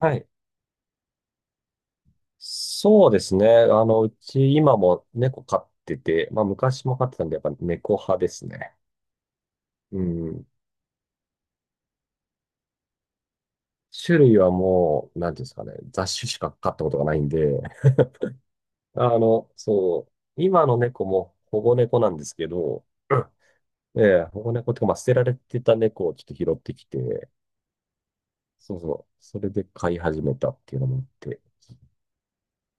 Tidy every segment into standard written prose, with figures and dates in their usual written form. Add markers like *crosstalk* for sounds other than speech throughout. はい。そうですね。うち今も猫飼ってて、まあ昔も飼ってたんで、やっぱ猫派ですね。うん。種類はもう、なんていうんですかね、雑種しか飼ったことがないんで、*laughs* そう、今の猫も保護猫なんですけど、ええ、保護猫っていうか、まあ捨てられてた猫をちょっと拾ってきて、そうそう、それで飼い始めたっていうのもあって、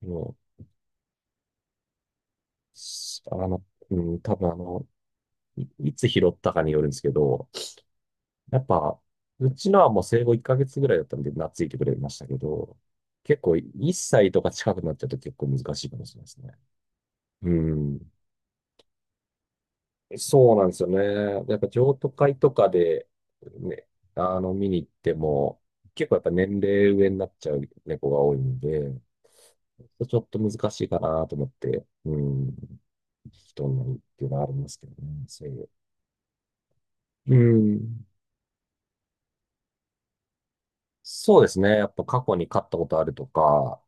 もう、しあの、うん、多分いいつ拾ったかによるんですけど、やっぱ、うちのはもう生後1ヶ月ぐらいだったんで、懐いてくれましたけど、結構1歳とか近くなっちゃうと結構難しいかもしれないですね。うん。そうなんですよね。やっぱ譲渡会とかで、ね、見に行っても、結構やっぱ年齢上になっちゃう猫が多いんで、ちょっと難しいかなと思って、うん、人になるっていうのはありますけどね。そういう。うん。そうですね。やっぱ過去に飼ったことあるとか、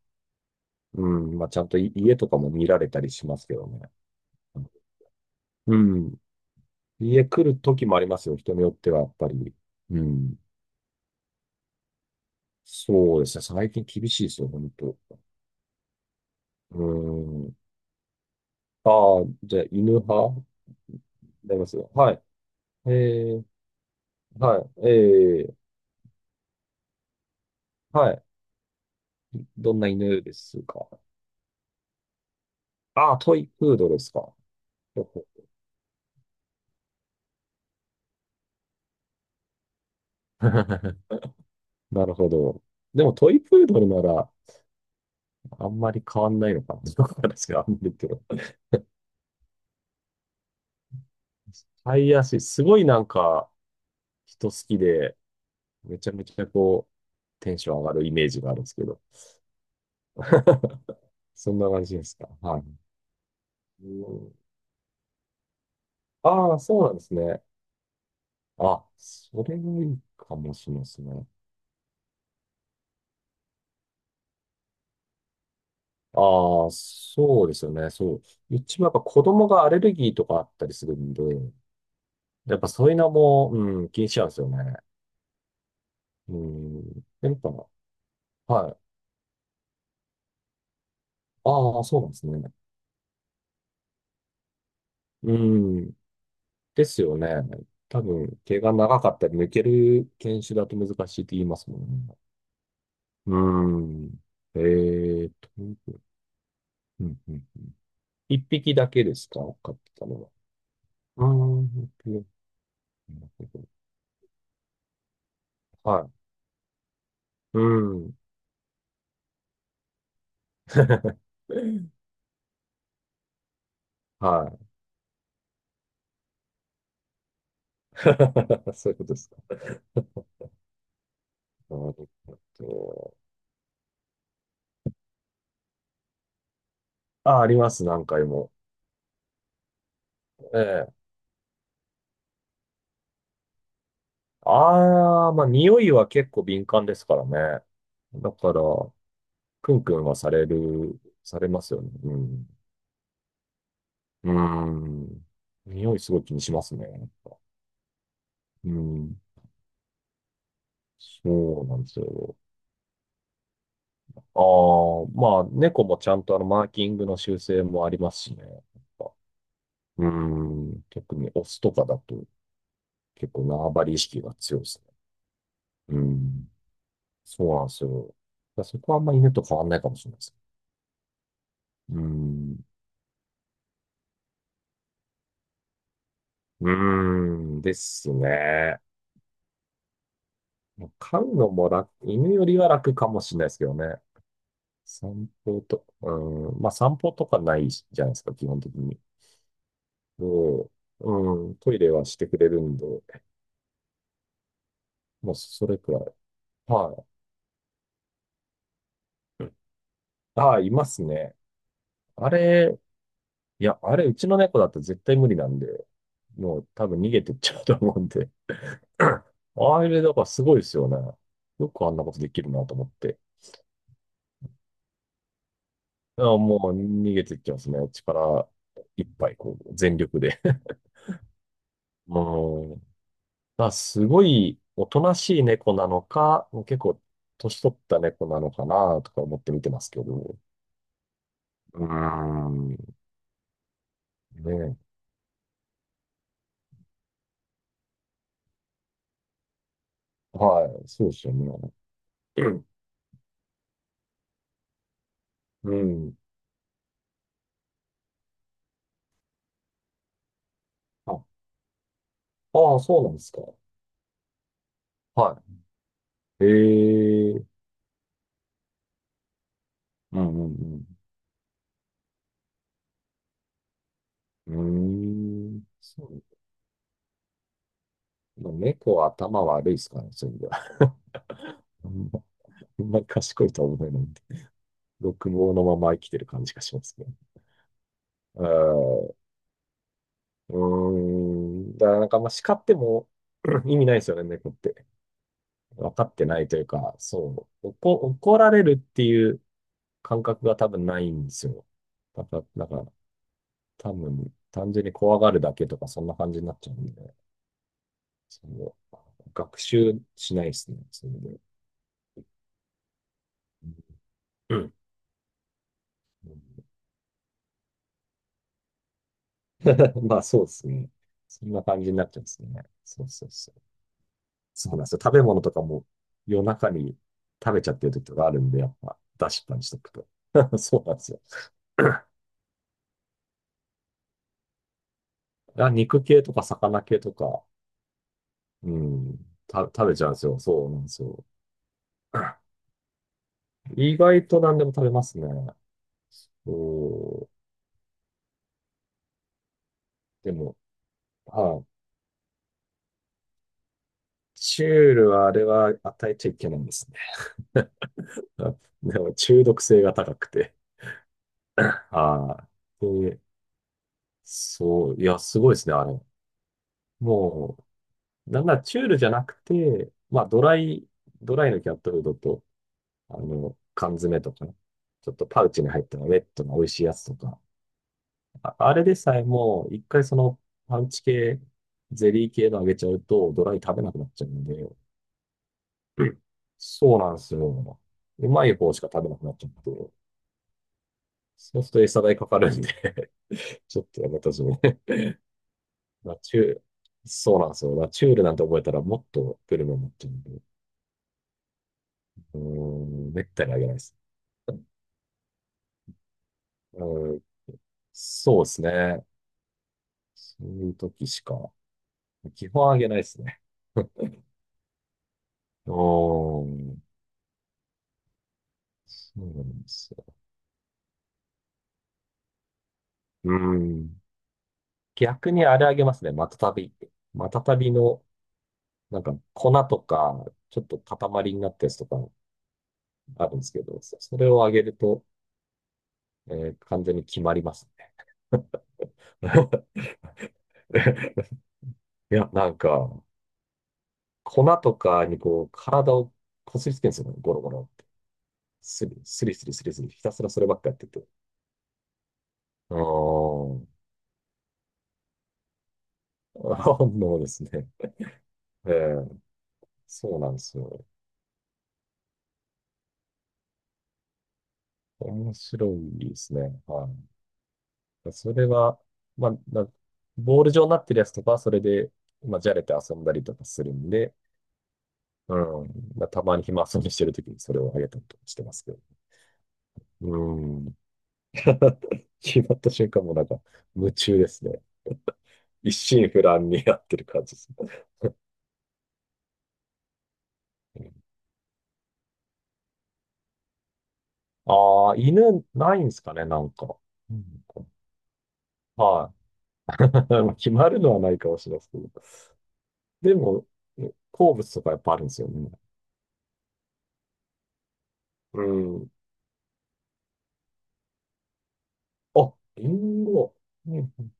うん、まあ、ちゃんとい家とかも見られたりしますけどね。うん。家来る時もありますよ。人によっては、やっぱり。うん。そうですね。最近厳しいですよ、本当。うん。ああ、じゃあ、犬派なりますよ。はい。えー、はい。はい。どんな犬ですか？ああ、トイプードルですか。ほほ *laughs* なるほど。でもトイプードルなら、あんまり変わんないのかな。*laughs* どうなんですか、あんまりけど。タイヤし、すごいなんか人好きで、めちゃめちゃこう、テンション上がるイメージがあるんですけど。*laughs* そんな感じですか。はい。うん、ああ、そうなんですね。あ、それがいいかもしれないですね。ああ、そうですよね。そう。うちもやっぱ子供がアレルギーとかあったりするんで、やっぱそういうのも、うん、気にしちゃうんですよね。うん。やっぱ、はい。ああ、そうなんですね。うん。ですよね。多分、毛が長かったり、抜ける犬種だと難しいって言いますもんね。うーん。えうんうん。一匹だけですか飼ってたのは。うーん、一匹はい。うーん。*laughs* はい。*laughs* そういうことですか。なるほど。あ、あります、何回も。ええ。ああ、まあ、匂いは結構敏感ですからね。だから、クンクンはされますよね。うん。うん。匂いすごい気にしますね。なんかうん。そうなんですよ。ああ、まあ、猫もちゃんとマーキングの修正もありますしね。やっぱうん。特にオスとかだと結構縄張り意識が強いですね。うん。そうなんですよ。だからそこはあんまり犬と変わんないかもしれないです。うん。うーん。ですね。飼うのも楽、犬よりは楽かもしれないですけどね。散歩と、うん、まあ散歩とかないじゃないですか、基本的に。で、うん、トイレはしてくれるんで、もうそれくらい。はい。うんああ、いますね。あれ、いや、あれ、うちの猫だと絶対無理なんで、もう多分逃げてっちゃうと思うんで。*laughs* *clears throat* あれ、だからすごいですよね。よくあんなことできるなと思って。ああ、もう逃げてっちゃいますね。力いっぱい、こう、全力で。*laughs* うんまあ、すごいおとなしい猫なのか、結構年取った猫なのかなとか思って見てますけど。うーん。ねはい。そうですよね。うん。うんあ、ああ、そうなんですか。はい。ええ。うんうんうんうーん。そう。猫は頭悪いですからね、そういう意味では。*laughs* あんま *laughs* あんまり賢いとは思えないんで。六毛のまま生きてる感じがしますね。うんうーん。だからなんか、まあ、叱っても *clears throat* 意味ないですよね、猫って。分かってないというか、そう、怒られるっていう感覚が多分ないんですよ。だから、なんか、多分、単純に怖がるだけとか、そんな感じになっちゃうんで、その、学習しないですね、それで。うん。*laughs* まあ、そうですね。そんな感じになっちゃうんですね。そうそうそう。そうなんですよ。食べ物とかも夜中に食べちゃってる時とかあるんで、やっぱ出しっぱにしとくと。*laughs* そうなんですよ。あ、肉系とか魚系とか、うん、食べちゃうんですよ。そうなんですよ。*clears throat* 意外と何でも食べますね。おでも、あ、チュールはあれは与えちゃいけないんですね。*laughs* あでも中毒性が高くて。ああ、で、そう、いや、すごいですね、あれ。もう、なんならチュールじゃなくて、まあ、ドライのキャットフードと、缶詰とかね、ちょっとパウチに入ったウェットの美味しいやつとか、あ、あれでさえも、一回そのパウチ系、ゼリー系のあげちゃうと、ドライ食べなくなっちゃうんで、*clears throat* うんそうなんですよ。うまい方しか食べなくなっちゃって、そうすると餌代かかるんで *laughs* ちょっとやめたしね。*laughs* ナチュール、そうなんですよ。ナチュールなんて覚えたらもっとグルメになっちゃうんで、うーん、めったにあげないです。うん、そうですね。そういう時しか、基本あげないですね。*laughs* おー、そうなんですよ。うん。逆にあれあげますね。マタタビ。マタタビの、なんか粉とか、ちょっと塊になったやつとかあるんですけど、それをあげると、完全に決まりますね。*laughs* いや、なんか、粉とかにこう、体をこすりつけるんですよね。ゴロゴロって。スリスリスリスリスリ、ひたすらそればっかやってて。うん。あのですね。ええ、そうなんですよ。面白いですね。はい。それは、まあ、ボール状になってるやつとかは、それで、まあ、じゃれて遊んだりとかするんで、うん。まあたまに暇遊びしてるときにそれをあげたりとかしてますけど。うん。*laughs* 決まった瞬間もなんか、夢中ですね。一心不乱にやってる感じですね。ああ、犬ないんですかね、なんか。うんはい。*laughs* 決まるのはないかもしれないですけど。でも、好物とかやっぱあるんですよね。うん。あ、リンゴ。うんうん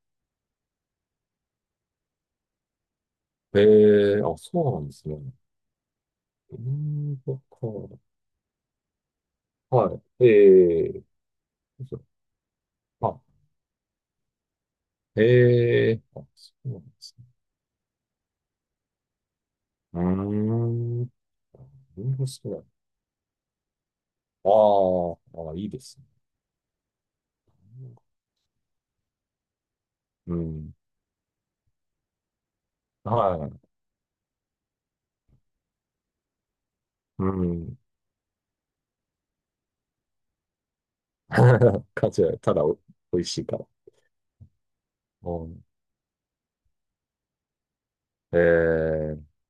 ええあ、そうなんですね。リンゴか。はい。ええあ、ええあ、そうなんですね。うーん。リンゴ好きなの。あーあ、いいですね。うん。はい。うん。*laughs* 価値は、ただお、美味しいから。うん。ええう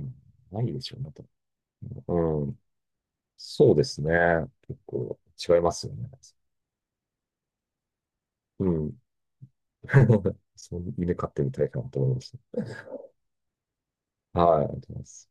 んないでしょうね、と。うん。そうですね。結構違いますよね。うん。*laughs* そう、犬飼ってみたいかなと思いました。はい、ありがとうございます。